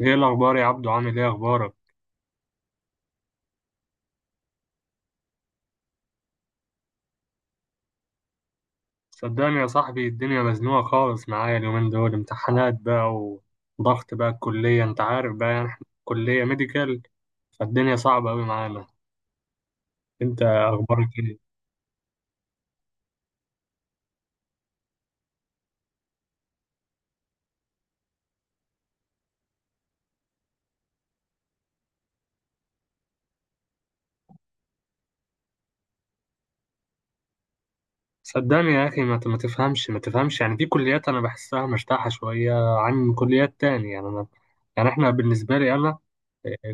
ايه الاخبار يا عبدو؟ عامل ايه اخبارك؟ صدقني يا صاحبي الدنيا مزنوقه خالص معايا اليومين دول، امتحانات بقى وضغط بقى الكليه، انت عارف بقى، يعني احنا كليه ميديكال، فالدنيا صعبه قوي معانا. انت اخبارك ايه؟ صدقني يا اخي، ما تفهمش يعني. في كليات انا بحسها مرتاحه شويه عن كليات تانية، يعني انا، يعني احنا بالنسبه لي انا،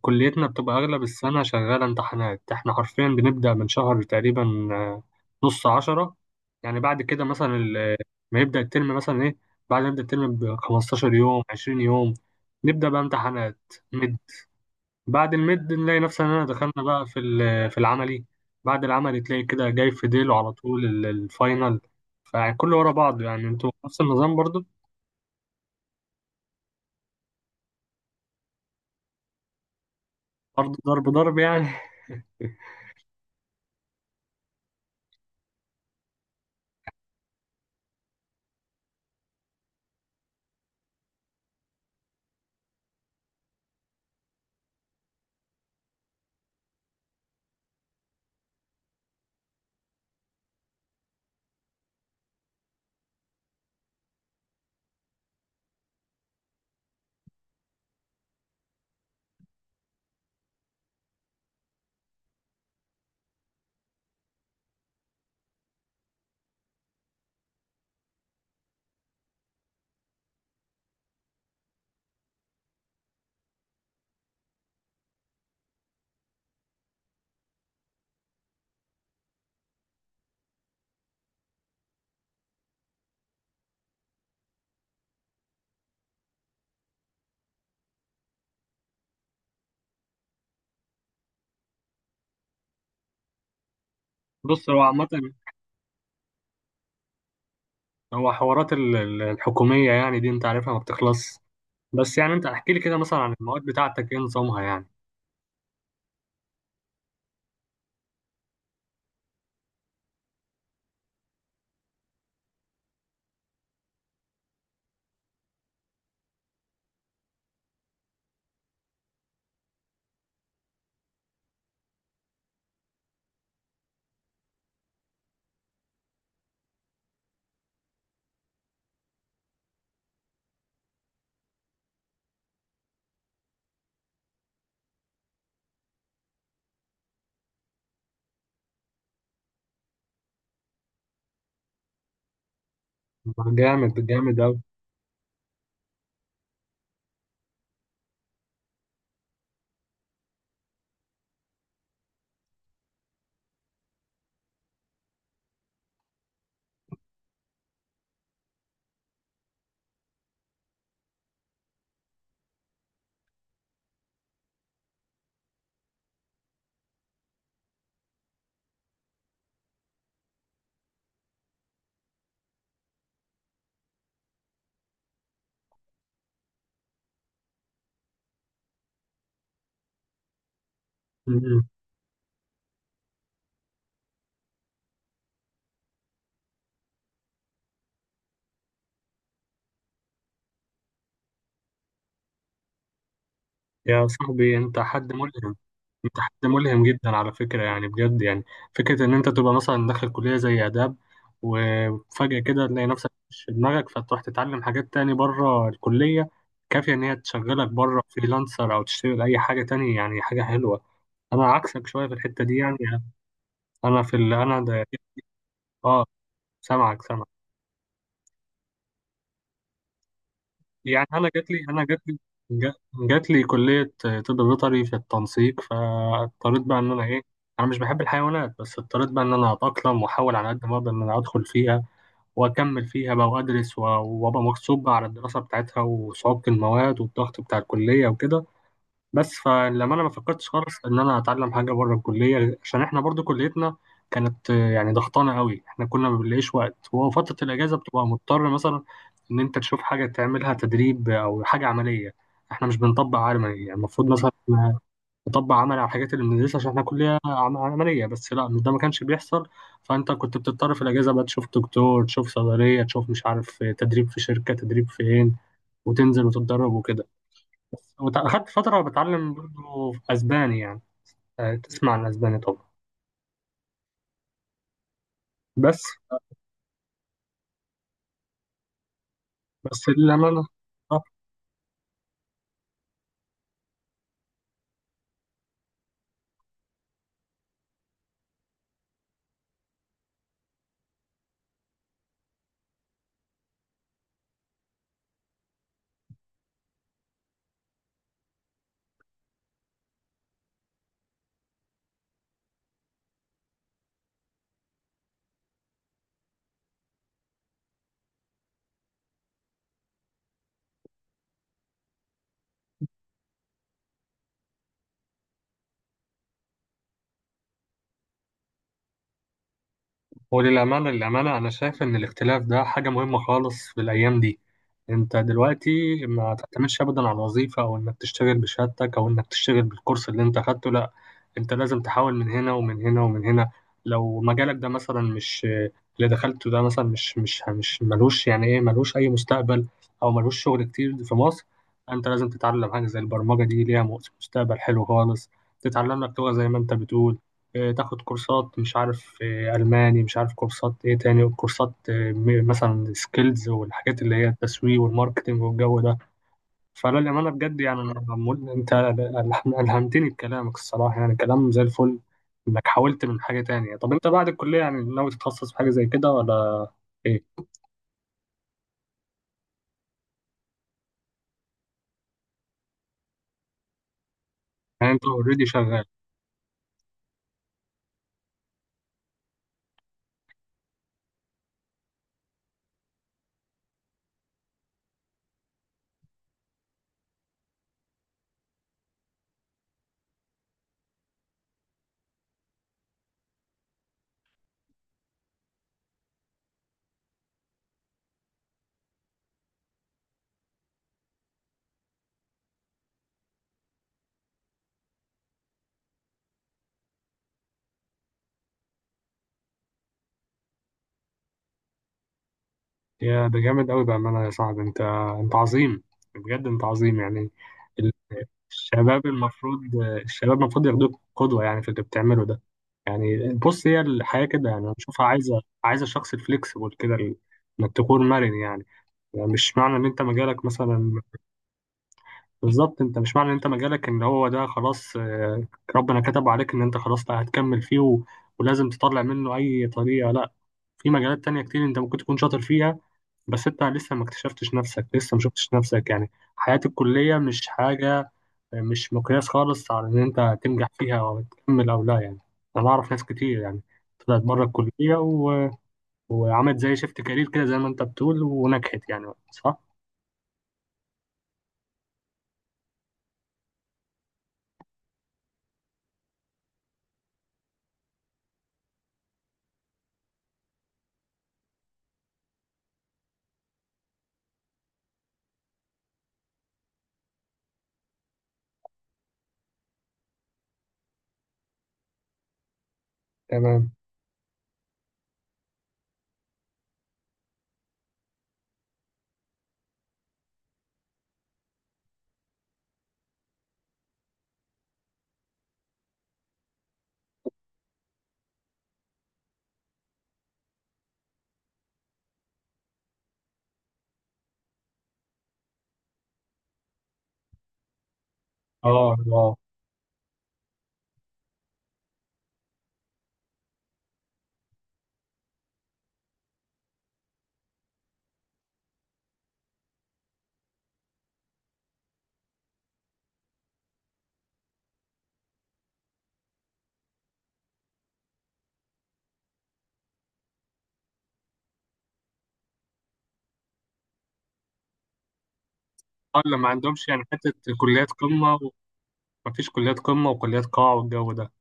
كليتنا بتبقى أغلب السنة شغالة امتحانات. احنا حرفيا بنبدأ من شهر تقريبا، آه، نص عشرة. يعني بعد كده مثلا ما يبدأ الترم مثلا ايه، بعد ما يبدأ الترم ب 15 يوم، 20 يوم، نبدأ بقى امتحانات مد. بعد المد نلاقي نفسنا إننا دخلنا بقى في العملي. بعد العملي تلاقي كده جاي في ديله على طول الفاينل، فكله ورا بعض. يعني انتوا نفس النظام برضو؟ برضو ضرب ضرب يعني. بص، هو عامة، هو حوارات الحكومية يعني دي انت عارفها، ما بتخلص. بس يعني انت احكي لي كده مثلا عن المواد بتاعتك ايه نظامها يعني. جامد، جامد اوي. م- م. يا صاحبي انت حد ملهم، انت حد ملهم جدا على فكرة، يعني بجد يعني. فكرة ان انت تبقى مثلا داخل كلية زي آداب وفجأة كده تلاقي نفسك مش في دماغك، فتروح تتعلم حاجات تاني بره الكلية كافية ان هي تشغلك بره فريلانسر او تشتغل اي حاجة تاني، يعني حاجة حلوة. انا عكسك شوية في الحتة دي يعني. انا انا ده. اه، سامعك سامعك. يعني انا جات لي، جات لي كليه طب بيطري في التنسيق، فاضطريت بقى ان انا ايه، انا مش بحب الحيوانات، بس اضطريت بقى ان انا اتاقلم واحاول على قد ما اقدر ان انا ادخل فيها واكمل فيها بقى وادرس وابقى مغصوب بقى على الدراسه بتاعتها وصعوبه المواد والضغط بتاع الكليه وكده. بس فلما انا ما فكرتش خالص ان انا اتعلم حاجه بره الكليه، عشان احنا برضو كليتنا كانت يعني ضغطانه قوي. احنا كنا ما بنلاقيش وقت، وفتره الاجازه بتبقى مضطر مثلا ان انت تشوف حاجه تعملها تدريب او حاجه عمليه. احنا مش بنطبق عملي. يعني المفروض مثلا إحنا نطبق عملي على الحاجات اللي بندرسها عشان احنا عمليه، بس لا، مش ده، ما كانش بيحصل. فانت كنت بتضطر في الاجازه بقى تشوف دكتور، تشوف صيدليه، تشوف مش عارف تدريب في شركه، تدريب فين، وتنزل وتتدرب وكده. بس أخدت فترة بتعلم برضه أسباني يعني. تسمع عن أسباني طبعا. بس بس للأمانة، وللأمانة، للأمانة للأمانة أنا شايف إن الاختلاف ده حاجة مهمة خالص في الأيام دي. أنت دلوقتي ما تعتمدش أبدا على الوظيفة أو إنك تشتغل بشهادتك أو إنك تشتغل بالكورس اللي أنت أخدته، لأ. أنت لازم تحاول من هنا ومن هنا ومن هنا. لو مجالك ده مثلا مش، اللي دخلته ده مثلا مش ملوش يعني إيه، ملوش أي مستقبل أو ملوش شغل كتير في مصر. أنت لازم تتعلم حاجة زي البرمجة، دي ليها مستقبل حلو خالص. تتعلم لك لغة زي ما أنت بتقول، تاخد كورسات مش عارف ألماني، مش عارف كورسات إيه تاني، وكورسات مثلا سكيلز والحاجات اللي هي التسويق والماركتينج والجو ده. فلا، للأمانة بجد يعني، أنا عمول، أنت ألهمتني بكلامك الصراحة، يعني كلام زي الفل. إنك حاولت من حاجة تانية. طب أنت بعد الكلية يعني ناوي تتخصص في حاجة زي كده ولا إيه؟ يعني أنت أوريدي شغال. يا ده جامد أوي بأمانة. يا صاحبي أنت، أنت عظيم، بجد أنت عظيم يعني. الشباب المفروض، الشباب المفروض ياخدوك قدوة يعني في اللي بتعمله ده. يعني بص، هي الحياة كده، يعني أنا بشوفها عايزة، عايزة شخص فليكسبل كده، إنك تكون مرن يعني. يعني مش معنى إن أنت مجالك مثلا بالظبط، أنت مش معنى إن أنت مجالك إن هو ده خلاص، ربنا كتب عليك إن أنت خلاص لا هتكمل فيه و... ولازم تطلع منه أي طريقة، لا. في مجالات تانية كتير أنت ممكن تكون شاطر فيها، بس أنت لسه ما اكتشفتش نفسك، لسه ما شفتش نفسك يعني. حياة الكلية مش حاجة، مش مقياس خالص على إن أنت هتنجح فيها أو هتكمل أو لا يعني. أنا أعرف ناس كتير يعني طلعت بره الكلية و... وعملت زي شيفت كارير كده زي ما أنت بتقول ونجحت، يعني صح؟ تمام. أه، أه، اللي ما عندهمش يعني حتة كليات قمة، ومفيش كليات قمة وكليات قاع والجو ده.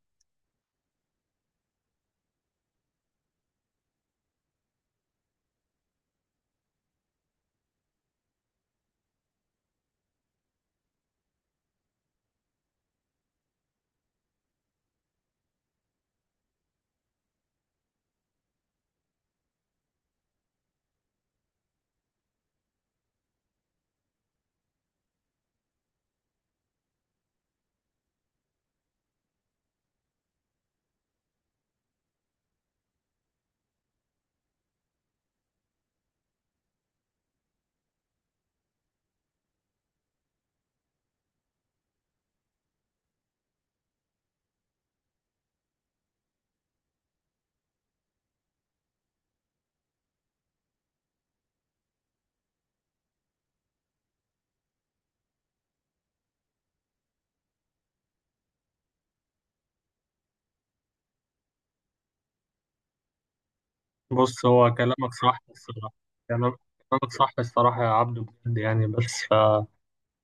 بص، هو كلامك صح الصراحة، كلام- كلامك صح الصراحة يا عبدو، بجد يعني. بس ف...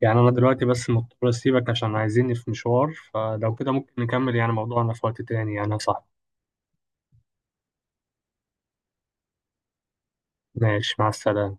يعني أنا دلوقتي بس مضطر أسيبك عشان عايزيني في مشوار، فلو كده ممكن نكمل يعني موضوعنا في وقت تاني، يعني صح؟ ماشي، مع السلامة.